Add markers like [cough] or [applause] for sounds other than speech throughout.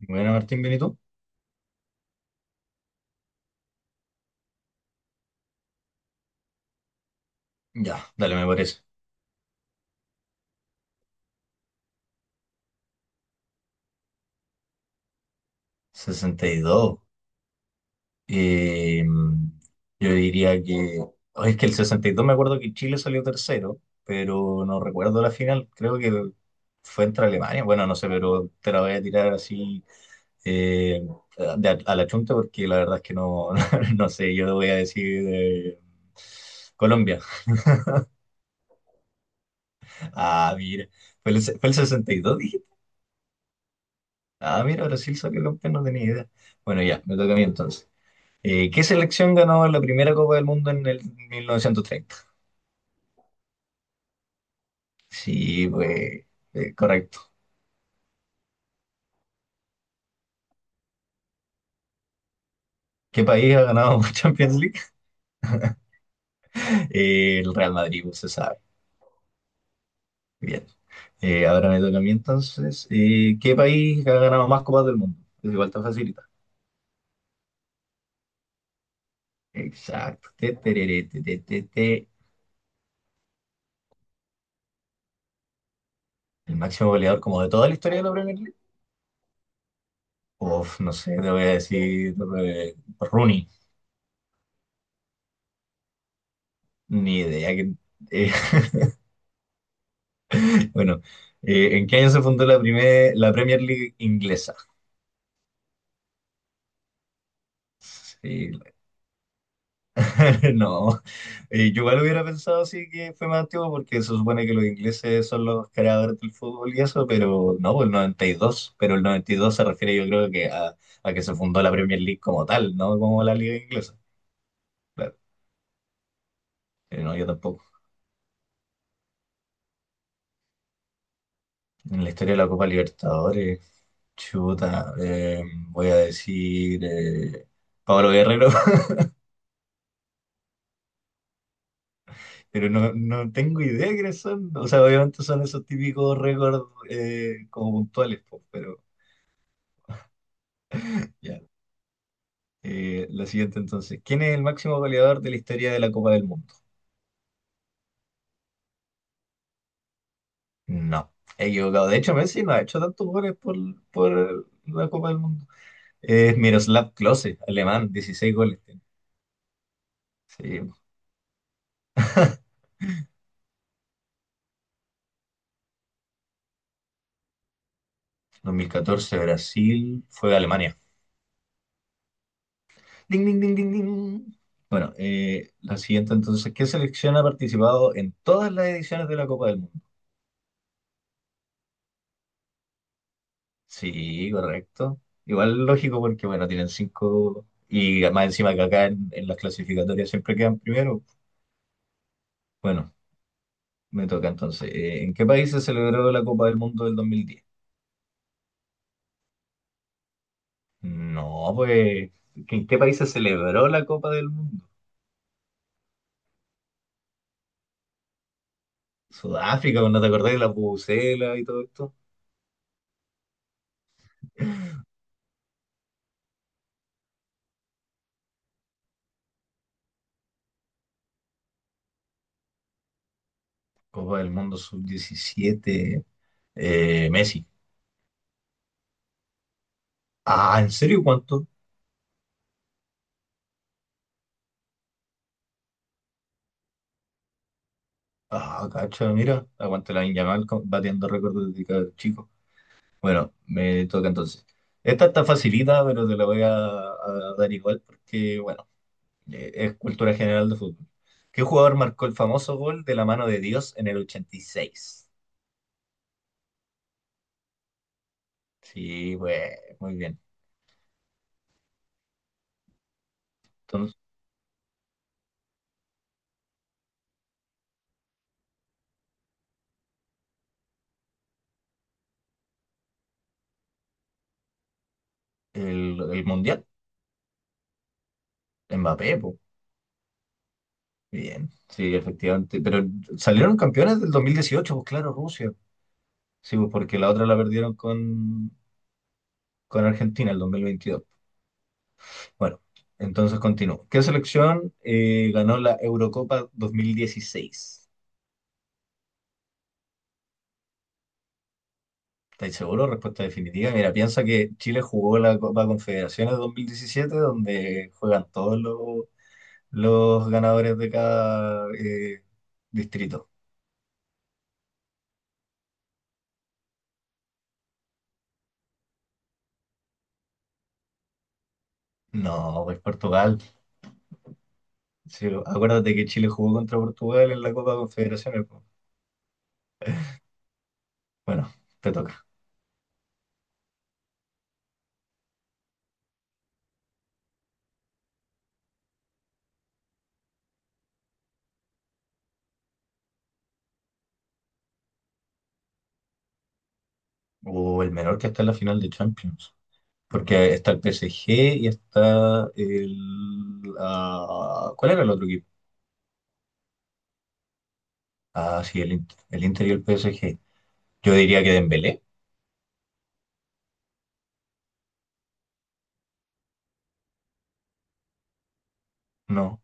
Bueno, Martín, ¿bien y tú? Ya, dale, me parece. 62. Eh, yo diría que, oh, es que el 62 me acuerdo que Chile salió tercero, pero no recuerdo la final. Creo que fue entre Alemania. Bueno, no sé, pero te la voy a tirar así eh, a la chunta porque la verdad es que no, [laughs] no sé. Yo voy a decir Colombia. [laughs] Ah, mira. ¿Fue el 62, dijiste? Ah, mira, Brasil salió campeón, no tenía idea. Bueno, ya, me toca a mí entonces. ¿Qué selección ganó la primera Copa del Mundo en el 1930? Sí, pues, correcto. ¿Qué país ha ganado [laughs] Champions League? El Real Madrid, pues, se sabe. Bien. Ahora me toca a mí entonces. ¿Qué país ha ganado más Copas del Mundo? Es igual tan facilita. Exacto. Te, tereré, te, te, te, te. El máximo goleador como de toda la historia de la Premier League. Uf, no sé, te voy a decir Rooney. Ni idea que, eh, bueno, ¿en qué año se fundó la Premier League inglesa? Sí, [laughs] no, yo igual hubiera pensado sí que fue más antiguo porque se supone que los ingleses son los creadores del fútbol y eso, pero no, pues el 92. Pero el 92 se refiere yo creo que a, que se fundó la Premier League como tal, no como la liga inglesa. Claro, no, yo tampoco. En la historia de la Copa Libertadores, chuta, voy a decir Pablo Guerrero. Pero no, no tengo idea de quiénes son. O sea, obviamente son esos típicos récords como puntuales, po, pero ya. La siguiente entonces. ¿Quién es el máximo goleador de la historia de la Copa del Mundo? No, he equivocado. De hecho, Messi no ha hecho tantos goles por, la Copa del Mundo. Es Miroslav Klose, alemán, 16 goles tiene. Sí. [laughs] 2014 Brasil, fue a Alemania. Ding, ding, ding, ding, ding. Bueno, la siguiente entonces. ¿Qué selección ha participado en todas las ediciones de la Copa del Mundo? Sí, correcto. Igual lógico porque, bueno, tienen cinco y más encima que acá en las clasificatorias siempre quedan primero. Bueno, me toca entonces. ¿En qué país se celebró la Copa del Mundo del 2010? No, pues, ¿que ¿en qué país se celebró la Copa del Mundo? Sudáfrica, ¿no te acordás de la Pucela y todo esto? Copa del Mundo sub 17. Messi. Ah, ¿en serio cuánto? Ah, cacha, mira, aguante la Yamal batiendo récords desde que era chico. Bueno, me toca entonces. Esta está facilita, pero te la voy a, dar igual porque, bueno, es cultura general de fútbol. ¿Qué jugador marcó el famoso gol de la mano de Dios en el 86? Sí, pues, muy bien. Entonces, el Mundial, Mbappé, pues, bien. Sí, efectivamente. Pero salieron campeones del 2018, pues claro, Rusia. Sí, pues porque la otra la perdieron con, Argentina el 2022. Bueno, entonces continúo. ¿Qué selección ganó la Eurocopa 2016? ¿Estáis seguros? Respuesta definitiva. Mira, piensa que Chile jugó la Copa Confederaciones 2017, donde juegan todos los ganadores de cada distrito. No, pues Portugal. Sí, acuérdate que Chile jugó contra Portugal en la Copa Confederaciones, po. Bueno, te toca. O el menor que está en la final de Champions. Porque está el PSG y está el, ah, ¿cuál era el otro equipo? Ah, sí, el Inter. El Inter y el PSG. Yo diría que Dembélé. No.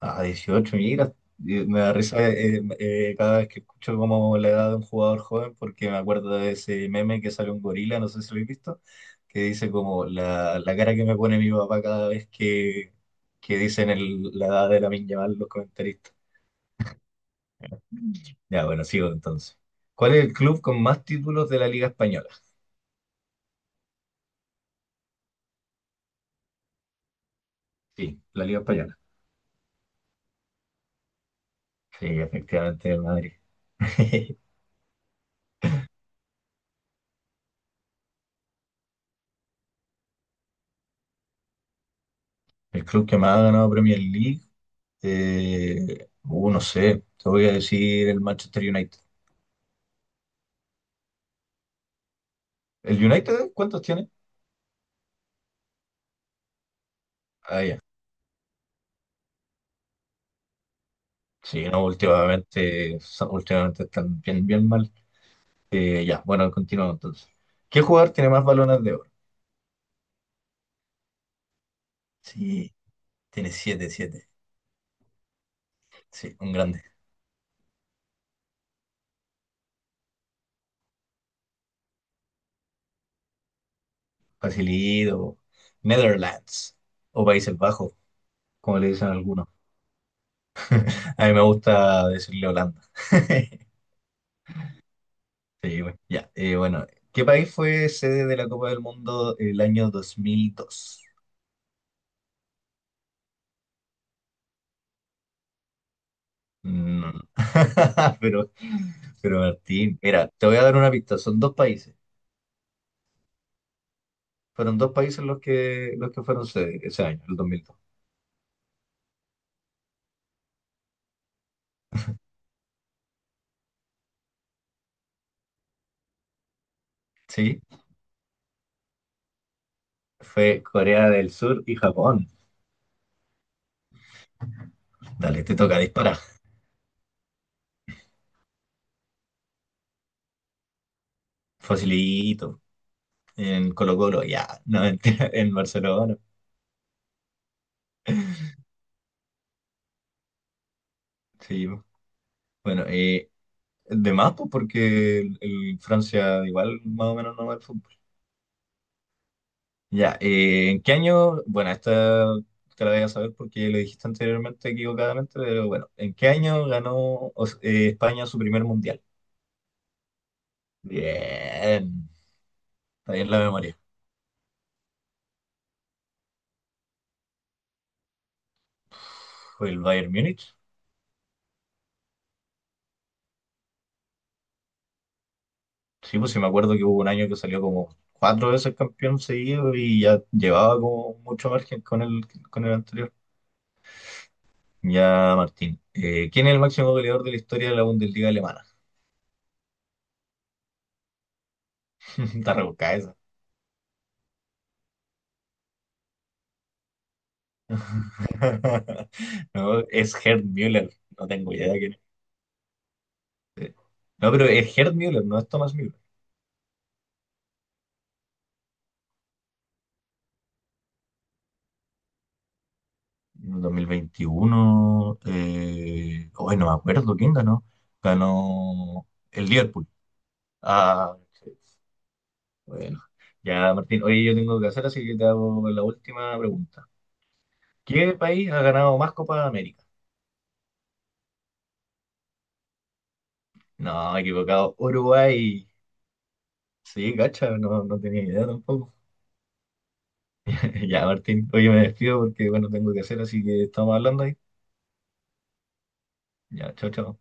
Ah, 18, mira. Me da risa cada vez que escucho como la edad de un jugador joven porque me acuerdo de ese meme que sale un gorila, no sé si lo habéis visto, que dice como la cara que me pone mi papá cada vez que dicen la edad de la Yamal los comentaristas. Ya, bueno, sigo entonces. ¿Cuál es el club con más títulos de la Liga Española? Sí, la Liga Española. Sí, efectivamente, el Madrid. [laughs] El club que más ha ganado Premier League, no sé, te voy a decir el Manchester United. ¿El United, cuántos tiene? Ah, ya. Sí, no, últimamente, últimamente están bien, bien mal. Ya, bueno, continuamos entonces. ¿Qué jugador tiene más balones de oro? Sí, tiene siete, siete. Sí, un grande. Facilido, Netherlands o Países Bajos, como le dicen algunos. A mí me gusta decirle Holanda. [laughs] Sí, güey. Ya, bueno, ¿qué país fue sede de la Copa del Mundo el año 2002? Mm, no, no. [laughs] Pero, pero Martín, mira, te voy a dar una pista, son dos países, fueron dos países los que, fueron sede ese año, el 2002. Sí, fue Corea del Sur y Japón. Dale, te toca disparar. Facilito, en Colo-Colo, ya, [laughs] no, mentira, en Barcelona. Sí, bueno, de más, pues, porque el Francia igual más o menos no va al fútbol. Ya, ¿en qué año? Bueno, esta te la voy a saber porque lo dijiste anteriormente equivocadamente, pero bueno, ¿en qué año ganó España su primer mundial? Bien, está bien la memoria. ¿Fue el Bayern Múnich? Sí, pues sí me acuerdo que hubo un año que salió como cuatro veces campeón seguido y ya llevaba como mucho margen con el, anterior. Ya, Martín. ¿Quién es el máximo goleador de la historia de la Bundesliga alemana? [laughs] Está rebuscada esa. [laughs] No, es Gerd Müller. No tengo idea. Eh, No, pero es Gerd Müller, no es Thomas Müller. En 2021, hoy no me acuerdo quién ganó. Ganó el Liverpool. Ah, sí, bueno. Ya, Martín, oye, yo tengo que hacer, así que te hago la última pregunta. ¿Qué país ha ganado más Copa de América? No, equivocado. Uruguay. Sí, cacha, no, no tenía idea tampoco. [laughs] Ya, Martín, oye, me despido porque, bueno, tengo que hacer, así que estamos hablando ahí. Ya, chao, chao.